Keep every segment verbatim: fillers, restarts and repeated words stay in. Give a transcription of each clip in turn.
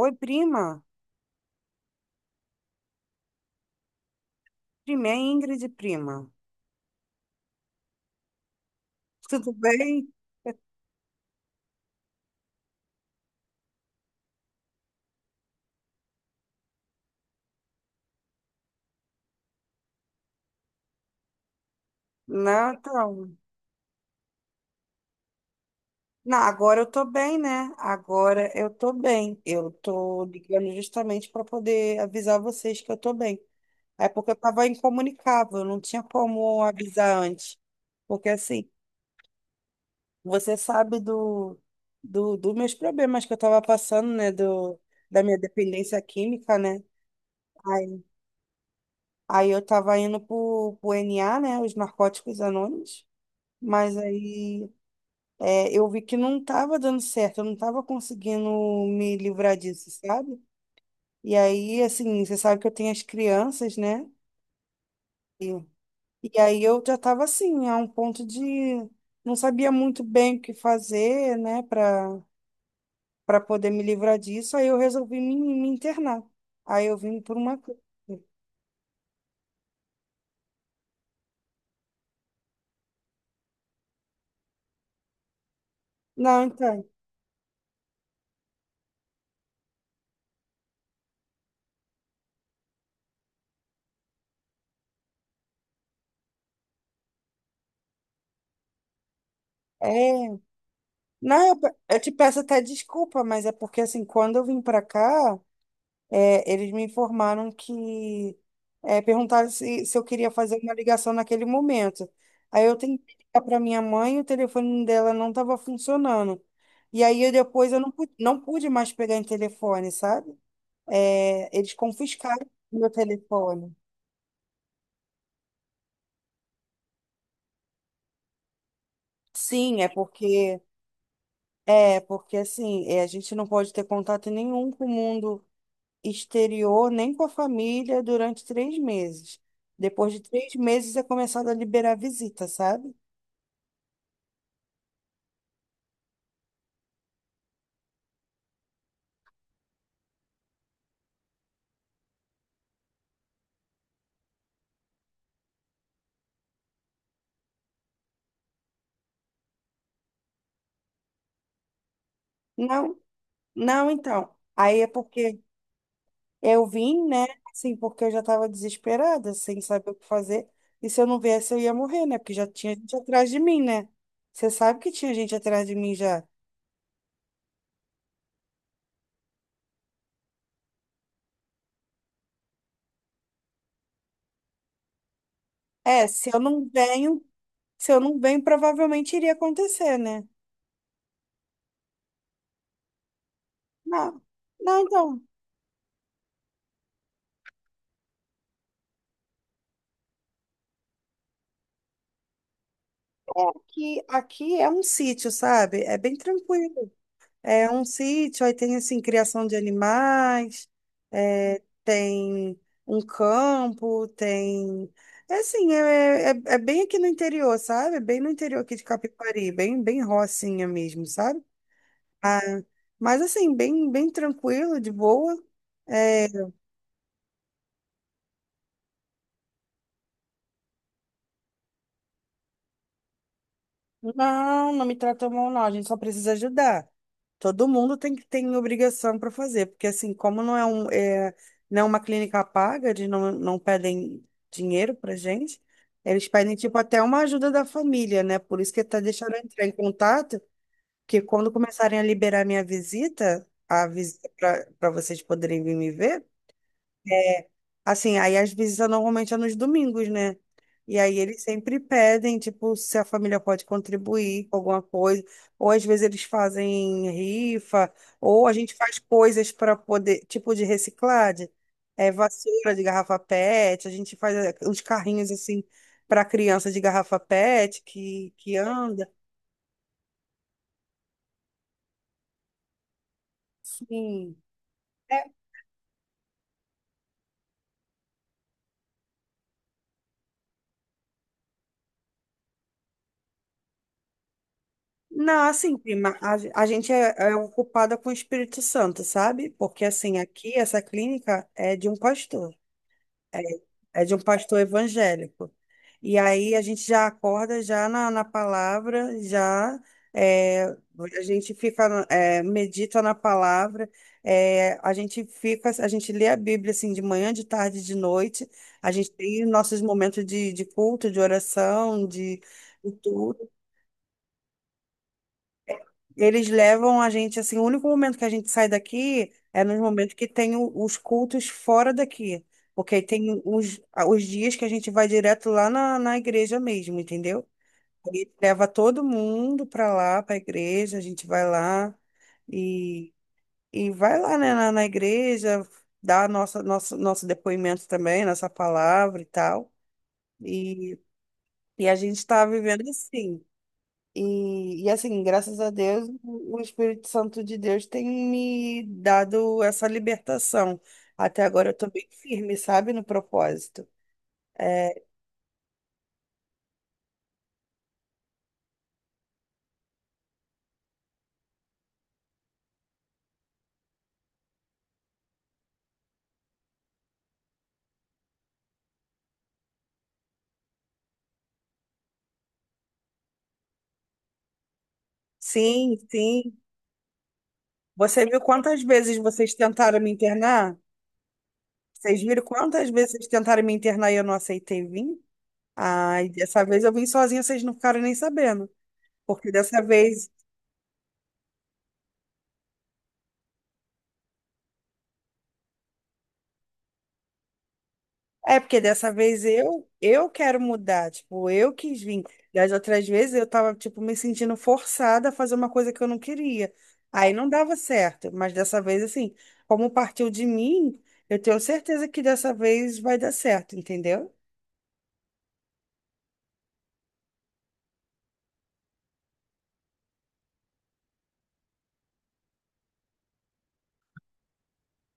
Oi, prima. Prima, é Ingrid, prima. Tudo bem? Não, então. Não, agora eu tô bem, né? Agora eu tô bem. Eu tô ligando justamente para poder avisar vocês que eu tô bem. É porque eu tava incomunicável, não tinha como avisar antes. Porque assim, você sabe do, do, dos meus problemas que eu tava passando, né? Do, da minha dependência química, né? Aí, aí eu tava indo pro, pro N A, né? Os Narcóticos Anônimos. Mas aí é, eu vi que não estava dando certo, eu não estava conseguindo me livrar disso, sabe? E aí, assim, você sabe que eu tenho as crianças, né? E, e aí eu já estava assim, a um ponto de não sabia muito bem o que fazer, né, para para poder me livrar disso. Aí eu resolvi me, me internar. Aí eu vim por uma clínica. Não, então, é. Não, eu, pe- eu te peço até desculpa, mas é porque assim, quando eu vim para cá. É, eles me informaram que é, perguntaram se, se eu queria fazer uma ligação naquele momento. Aí eu tentei ligar para minha mãe e o telefone dela não estava funcionando. E aí eu, depois eu não pude, não pude mais pegar em telefone, sabe? É, eles confiscaram meu telefone. Sim, é porque é porque assim, é, a gente não pode ter contato nenhum com o mundo exterior nem com a família durante três meses. Depois de três meses é começado a liberar visita, sabe? Não, não, então. Aí é porque eu vim, né? Assim, porque eu já estava desesperada, sem saber o que fazer. E se eu não viesse, eu ia morrer, né? Porque já tinha gente atrás de mim, né? Você sabe que tinha gente atrás de mim já. É, se eu não venho, se eu não venho, provavelmente iria acontecer, né? Não, não, então. É que aqui é um sítio, sabe? É bem tranquilo. É um sítio, aí tem assim, criação de animais, é, tem um campo, tem. É assim, é, é, é é bem aqui no interior, sabe? Bem no interior aqui de Capivari, bem, bem rocinha mesmo, sabe? Ah, mas assim, bem, bem tranquilo, de boa. É, não, não me tratou mal, não. A gente só precisa ajudar. Todo mundo tem que tem obrigação para fazer, porque assim, como não é um é, não é uma clínica paga, eles não, não pedem dinheiro pra gente, eles pedem tipo até uma ajuda da família, né? Por isso que tá deixando eu entrar em contato, que quando começarem a liberar minha visita, a visita para vocês poderem vir me ver. Assim, aí às vezes eu- normalmente é nos domingos, né? E aí eles sempre pedem, tipo, se a família pode contribuir com alguma coisa, ou às vezes eles fazem rifa, ou a gente faz coisas para poder, tipo de reciclagem, é, vassoura de garrafa PET, a gente faz é, uns carrinhos assim para criança de garrafa PET que, que anda. Sim. Não, assim, prima, a, a gente é, é ocupada com o Espírito Santo, sabe? Porque, assim, aqui essa clínica é de um pastor, é, é de um pastor evangélico. E aí a gente já acorda já na, na palavra, já é, a gente fica, é, medita na palavra, é, a gente fica, a gente lê a Bíblia, assim, de manhã, de tarde, de noite, a gente tem nossos momentos de, de culto, de oração, de... tudo. Eles levam a gente, assim, o único momento que a gente sai daqui é nos momentos que tem o- os cultos fora daqui. Porque aí tem os, os dias que a gente vai direto lá na, na igreja mesmo, entendeu? Aí leva todo mundo pra lá, pra igreja, a gente vai lá e, e vai lá, né, na, na igreja, dá nossa, nosso, nosso depoimento também, nossa palavra e tal. E, e a gente tá vivendo assim. E, e assim, graças a Deus, o o Espírito Santo de Deus tem me dado essa libertação. Até agora eu tô bem firme, sabe, no propósito. É, sim, sim. Você viu quantas vezes vocês tentaram me internar? Vocês viram quantas vezes vocês tentaram me internar e eu não aceitei vir? Ai, dessa vez eu vim sozinha, vocês não ficaram nem sabendo. Porque dessa vez É porque dessa vez eu eu quero mudar, tipo, eu quis vir. Das outras vezes eu tava tipo me sentindo forçada a fazer uma coisa que eu não queria. Aí não dava certo, mas dessa vez assim, como partiu de mim, eu tenho certeza que dessa vez vai dar certo, entendeu?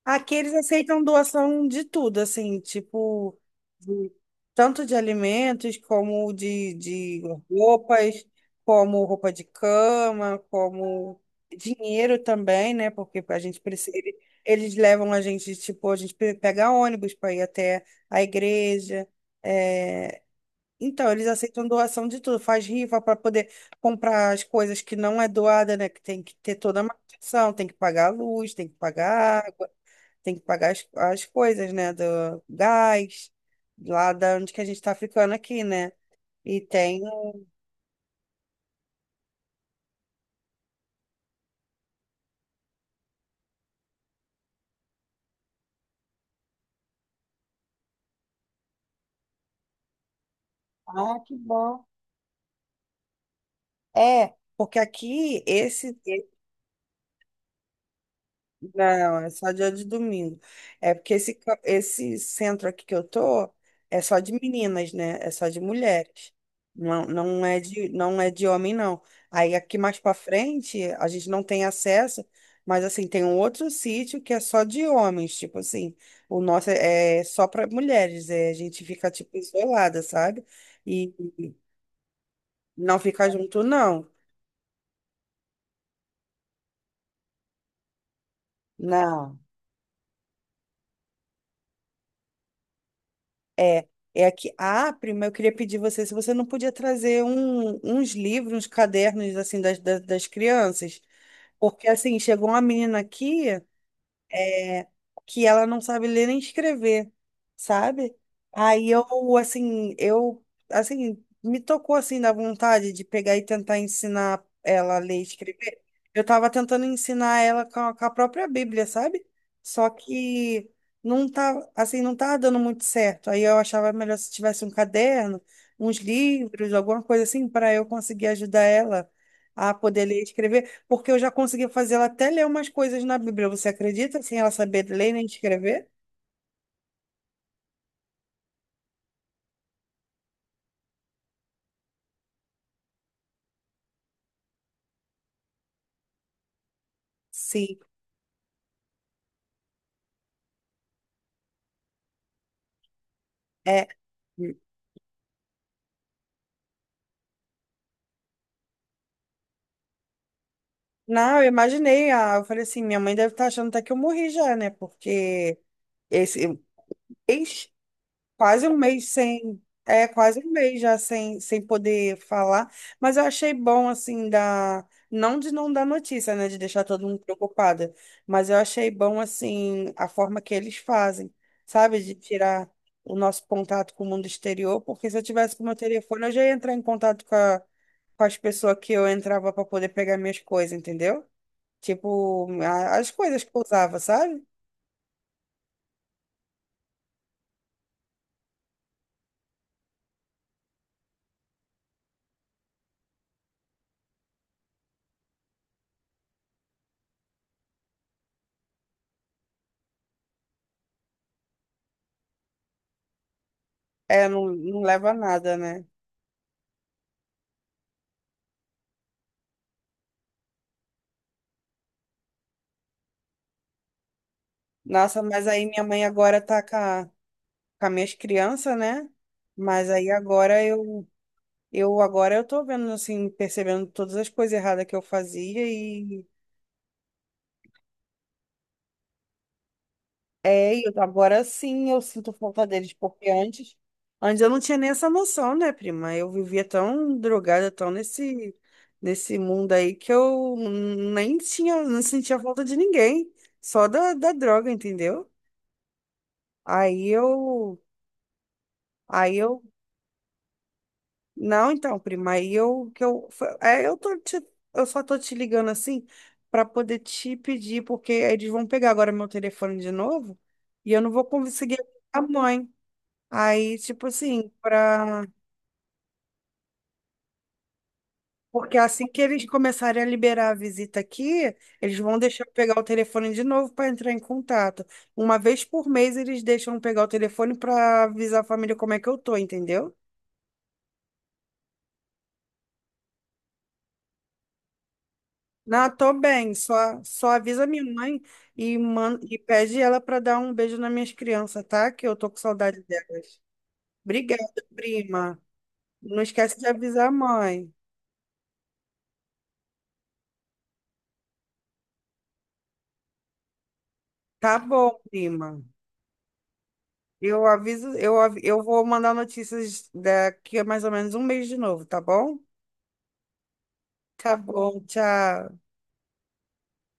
Aqui eles aceitam doação de tudo, assim, tipo, de- tanto de alimentos, como de, de roupas, como roupa de cama, como dinheiro também, né? Porque a gente precisa. ele- Eles levam a gente, tipo, a gente pe- pega ônibus para ir até a igreja. É, então, eles aceitam doação de tudo, faz rifa para poder comprar as coisas que não é doada, né? Que tem que ter toda a manutenção, tem que pagar a luz, tem que pagar água, tem que pagar as, as coisas, né? Do gás, lá da onde que a gente está ficando aqui, né? E tem. Ah, que bom. É, porque aqui esse... Não, é só dia de domingo. É porque esse, ca- esse centro aqui que eu tô é só de meninas, né? É só de mulheres. Não, não é de, não é de homem, não. Aí aqui mais pra frente a gente não tem acesso, mas assim, tem um outro sítio que é só de homens, tipo assim. O nosso é, é só pra mulheres, é, a gente fica tipo isolada, sabe? E e não fica junto, não. Não. É, é aqui. Ah, prima, eu queria pedir você se você não podia trazer um- uns livros, uns cadernos assim das, das, das crianças, porque assim chegou uma menina aqui é, que ela não sabe ler nem escrever, sabe? Aí eu, assim, eu, assim, me tocou, assim, da vontade de pegar e tentar ensinar ela a ler e escrever. Eu tava tentando ensinar ela com a, com a própria Bíblia, sabe? Só que não tá, assim, não tá dando muito certo. Aí eu achava melhor se tivesse um caderno, uns livros, alguma coisa assim, para eu conseguir ajudar ela a poder ler e escrever, porque eu já consegui fazer ela até ler umas coisas na Bíblia. Você acredita sem ela saber ler nem escrever? Sim. É. Não, eu imaginei. Ah, eu falei assim, minha mãe deve estar achando até que eu morri já, né? Porque esse... Quase um mês sem, é, quase um mês já sem, sem poder falar, mas eu achei bom, assim, da, não de não dar notícia, né, de deixar todo mundo preocupada, mas eu achei bom, assim, a forma que eles fazem, sabe, de tirar o nosso contato com o mundo exterior, porque se eu tivesse com o meu telefone, eu já ia entrar em contato com, a- com as pessoas que eu entrava para poder pegar minhas coisas, entendeu? Tipo, a- as coisas que eu usava, sabe? É, não, não leva a nada, né? Nossa, mas aí minha mãe agora tá com, a- com as minhas crianças, né? Mas aí agora eu, eu agora eu tô vendo assim, percebendo todas as coisas erradas que eu fazia e é, e eu, agora sim eu sinto falta deles, porque antes, antes eu não tinha nem essa noção, né, prima? Eu vivia tão drogada, tão nesse nesse mundo aí que eu nem tinha, não sentia falta de ninguém, só da, da droga, entendeu? Aí eu Aí eu Não, então, prima, aí eu que eu foi- é, eu tô te- eu só tô te ligando assim para poder te pedir, porque eles vão pegar agora meu telefone de novo e eu não vou conseguir a mãe. Aí, tipo assim, para... porque assim que eles começarem a liberar a visita aqui, eles vão deixar eu pegar o telefone de novo para entrar em contato. Uma vez por mês eles deixam eu pegar o telefone para avisar a família como é que eu tô, entendeu? Não, tô bem. Só, só avisa minha mãe e, man, e pede ela para dar um beijo nas minhas crianças, tá? Que eu tô com saudade delas. Obrigada, prima. Não esquece de avisar a mãe. Tá bom, prima. Eu aviso, eu, av- eu vou mandar notícias daqui a mais ou menos um mês de novo, tá bom? Tá bom, tchau.